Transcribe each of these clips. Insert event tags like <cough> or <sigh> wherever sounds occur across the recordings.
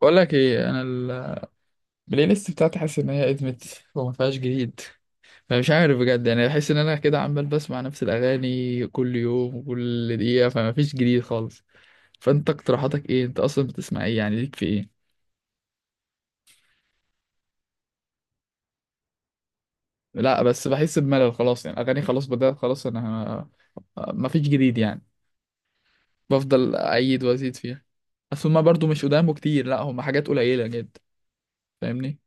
بقول لك ايه. البلاي ليست بتاعتي حاسس ان هي ادمت وما فيهاش جديد. فمش عارف بجد، يعني بحس ان انا كده عمال بسمع نفس الاغاني كل يوم وكل دقيقه، فما فيش جديد خالص. فانت اقتراحاتك ايه؟ انت اصلا بتسمع ايه؟ يعني ليك في ايه؟ لا بس بحس بملل خلاص، يعني اغاني خلاص، بدأت خلاص انا، ما فيش جديد يعني، بفضل اعيد وازيد فيها. اصل هما برضو مش قدامه كتير، لا هما حاجات قليله جدا. فاهمني؟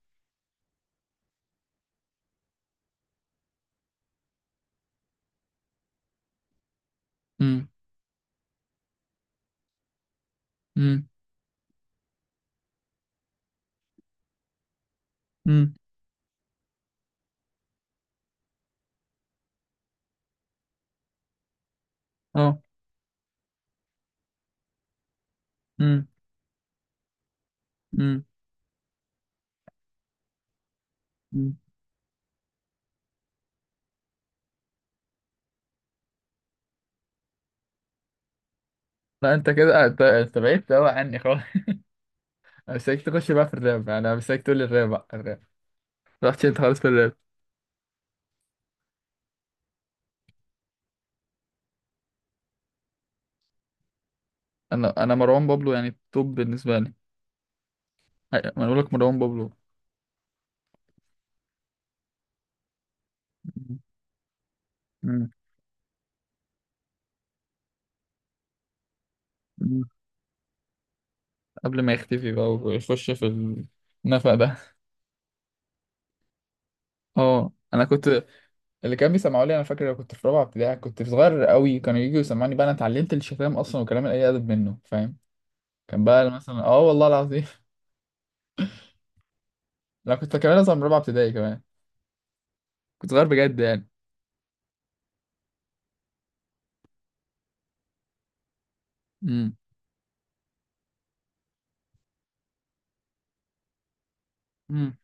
امم، امم، امم، اه، امم، امم، امم. لا انت كده، انت بعدت قوي عني خالص. <laughs> انا مستنيك تخش بقى في الراب، يعني انا مستنيك تقول لي الراب بقى الراب. رحت انت خالص في الراب. انا مروان بابلو يعني توب بالنسبه لي. ما انا بقول لك مروان بابلو. مم. مم. قبل ما يختفي بقى ويخش في النفق ده. اه انا كنت، اللي كان بيسمعوا لي انا فاكر لو كنت في رابعه ابتدائي، كنت صغير قوي، كانوا يجوا يسمعني بقى انا اتعلمت الشتام اصلا وكلام اي ادب منه، فاهم؟ كان بقى مثلا اه والله العظيم <laughs> انا كنت كمان اصلا من رابعه ابتدائي كمان، كنت صغير بجد يعني. امم.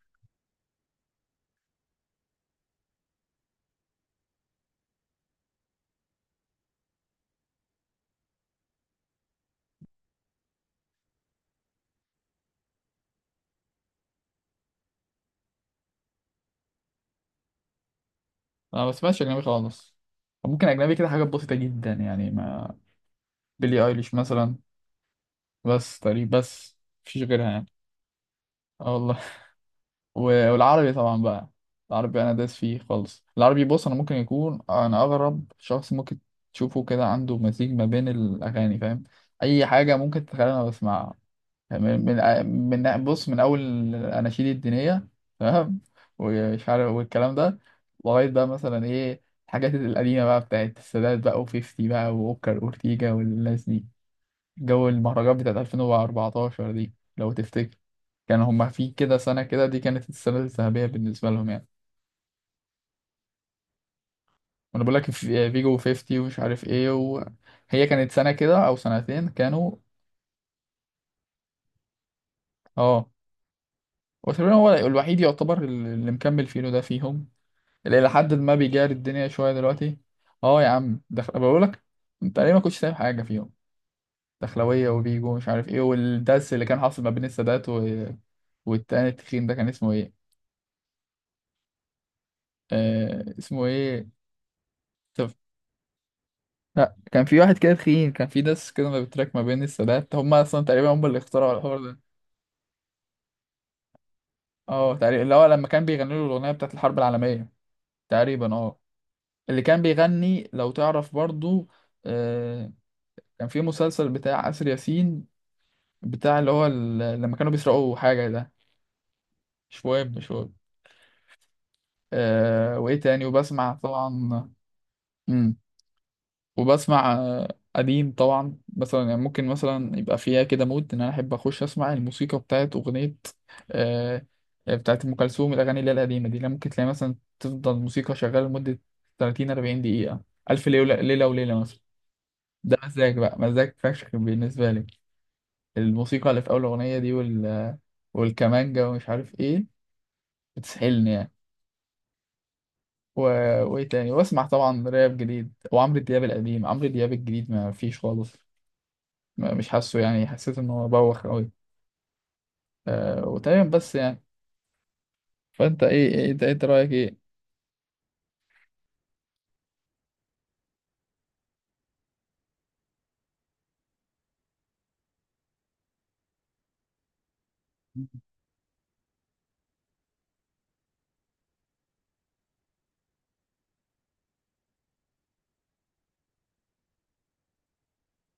انا ما بسمعش اجنبي خالص. ممكن اجنبي كده حاجات بسيطه جدا يعني، ما بيلي ايليش مثلا، بس تقريبا بس، مفيش غيرها يعني. اه والله <laughs> والعربي طبعا بقى، العربي انا داس فيه خالص. العربي، بص انا ممكن يكون انا اغرب شخص ممكن تشوفه كده، عنده مزيج ما بين الاغاني، فاهم؟ اي حاجه ممكن تتخيلها انا بسمعها. من من من بص، من اول الاناشيد الدينيه، تمام، ومش عارف والكلام ده، لغايه بقى مثلا ايه، الحاجات القديمه بقى بتاعت السادات بقى وفيفتي بقى واوكر اورتيجا والناس دي. جو المهرجان بتاعت 2014 دي لو تفتكر، كان هما في كده سنه كده، دي كانت السنه الذهبيه بالنسبه لهم يعني. وانا بقول لك فيجو وفيفتي ومش عارف ايه، وهي كانت سنه كده او سنتين كانوا. اه وتقريبا هو الوحيد يعتبر اللي مكمل فيه ده فيهم، اللي الى حد ما بيجاري الدنيا شويه دلوقتي. اه يا عم دخل بقول لك، انت ليه ما كنتش سايب حاجه فيهم؟ دخلويه وبيجو ومش عارف ايه، والدس اللي كان حاصل ما بين السادات و... والتاني التخين ده كان اسمه ايه؟ آه اسمه ايه؟ طب لا، كان في واحد كده تخين، كان في دس كده ما بتراك ما بين السادات، هم اصلا تقريبا هم اللي اخترعوا الحوار ده. اه تقريبا اللي هو لما كان بيغني له الاغنيه بتاعت الحرب العالميه. تقريبا اه اللي كان بيغني، لو تعرف برضو. آه كان في مسلسل بتاع آسر ياسين، بتاع اللي هو لما كانوا بيسرقوا حاجة ده، شواب شواب. آه وإيه تاني؟ وبسمع طبعا. مم. وبسمع قديم طبعا، مثلا يعني ممكن مثلا يبقى فيها كده مود إن أنا أحب أخش أسمع الموسيقى بتاعت أغنية، آه بتاعت أم كلثوم، الأغاني اللي هي القديمة دي، اللي ممكن تلاقي مثلا تفضل موسيقى شغالة لمدة 30 40 دقيقة. ألف ليلة ليلة وليلة مثلا. ده مزاج بقى، مزاج فشخ بالنسبة لي، الموسيقى اللي في أول أغنية دي، وال... والكمانجة ومش عارف إيه، بتسحلني و... وايه تاني؟ واسمع طبعا راب جديد، وعمرو دياب القديم، عمرو دياب الجديد ما فيش خالص، ما مش حاسه يعني، حسيت ان هو بوخ قوي. آه وتمام بس يعني. فانت ايه ايه انت، إنت رايك ايه؟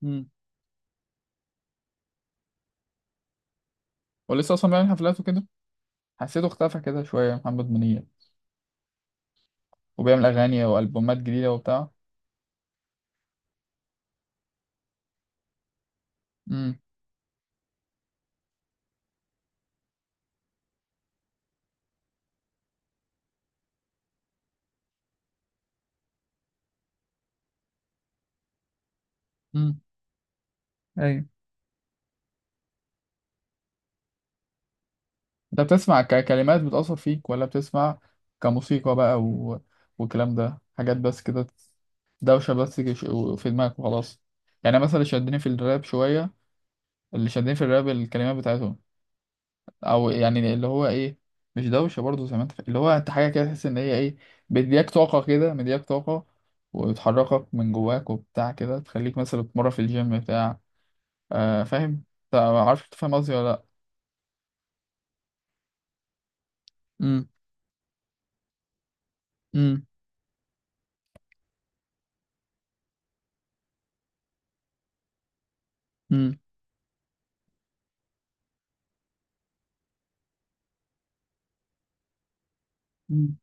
مم. ولسه اصلا بيعمل حفلات وكده؟ حسيته اختفى كده شويه محمد منير. وبيعمل اغاني والبومات جديده وبتاع؟ امم. مم. ايوه. انت بتسمع ككلمات بتأثر فيك، ولا بتسمع كموسيقى بقى و... والكلام ده حاجات بس كده، دوشة بس في دماغك وخلاص؟ يعني مثلا اللي شدني في الراب شوية، اللي شدني في الراب الكلمات بتاعتهم، أو يعني اللي هو إيه، مش دوشة برضه زي ما أنت فاهم. اللي هو أنت حاجة كده تحس إن هي إيه، مدياك طاقة كده، مدياك طاقة، وتحركك من جواك وبتاع كده، تخليك مثلا تتمرن في الجيم بتاع آه فاهم؟ أنت عارف، أنت فاهم قصدي ولا لأ؟ امم، امم، امم، امم،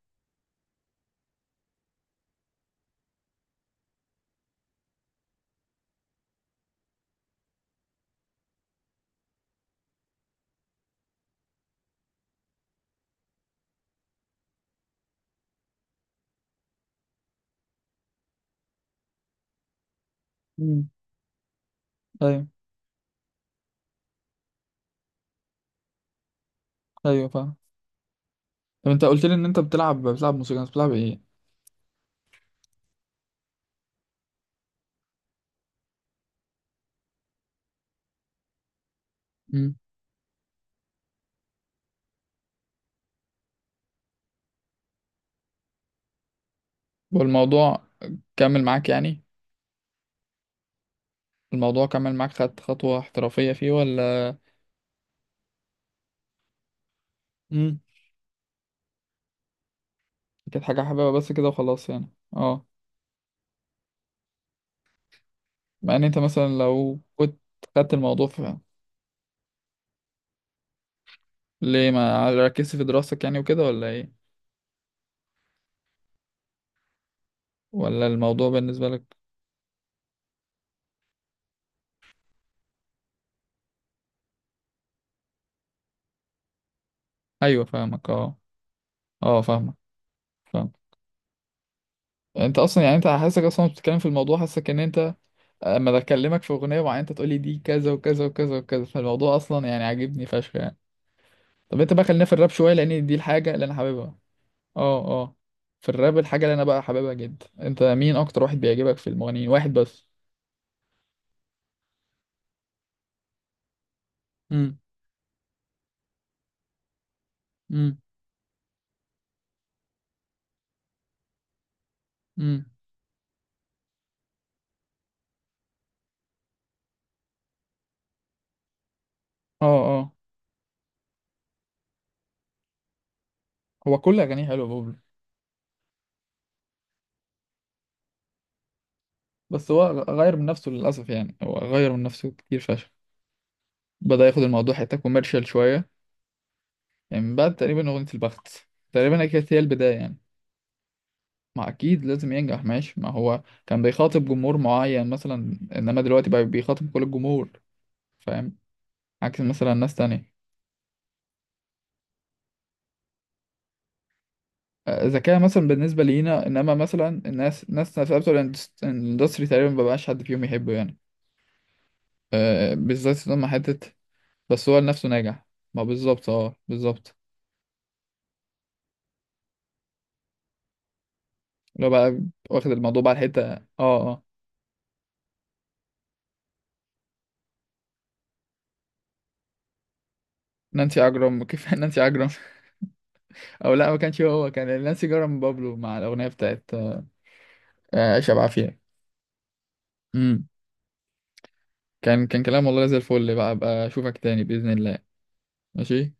امم. أيوه. أيوه فاهم. طب أنت قلت لي إن أنت بتلعب موسيقى، أنت بتلعب إيه؟ امم. والموضوع كمل معاك يعني؟ الموضوع كمل معاك، خدت خطوة احترافية فيه ولا؟ امم. كانت حاجة حاببها بس كده وخلاص يعني. اه. مع ان انت مثلا لو كنت خدت الموضوع في، ليه ما ركزت في دراستك يعني وكده، ولا ايه؟ ولا الموضوع بالنسبة لك. ايوه فاهمك، اه اه فاهمك. فاهم. انت اصلا يعني انت حاسسك اصلا بتتكلم في الموضوع، حاسسك ان انت اما بكلمك في اغنية معينة انت تقولي دي كذا وكذا وكذا وكذا، فالموضوع اصلا يعني عاجبني فشخ يعني. طب انت بقى خلينا في الراب شوية، لان دي الحاجة اللي انا حاببها. اه اه. في الراب الحاجة اللي انا بقى حاببها جدا، انت مين اكتر واحد بيعجبك في المغنيين؟ واحد بس. امم، امم، امم. اه اه. هو كل اغانيه حلوه بوبلو. بس هو غير من نفسه للاسف يعني، هو غير من نفسه كتير فشخ، بدأ ياخد الموضوع حته كوميرشال شويه، يعني من بعد تقريبا اغنيه البخت، تقريبا هي كانت هي البدايه يعني. ما اكيد لازم ينجح ماشي، ما هو كان بيخاطب جمهور معين مثلا، انما دلوقتي بقى بيخاطب كل الجمهور، فاهم؟ عكس مثلا ناس تانية. ذكاء مثلا بالنسبة لينا، إنما مثلا الناس، ناس نفسها بتوع الاندستري تقريبا مبقاش حد فيهم يحبه يعني. آه، بالذات لما حتة. بس هو لنفسه ناجح. ما بالظبط، اه بالظبط. لو بقى واخد الموضوع بقى الحتة، اه اه. نانسي عجرم <laughs> كيف نانسي عجرم؟ أو لا ما كانش هو، كان نانسي عجرم بابلو مع الأغنية بتاعت آه، عيشة بعافية. أمم. كان كان كلام والله زي الفل بقى. بقى أشوفك تاني بإذن الله. ماشي.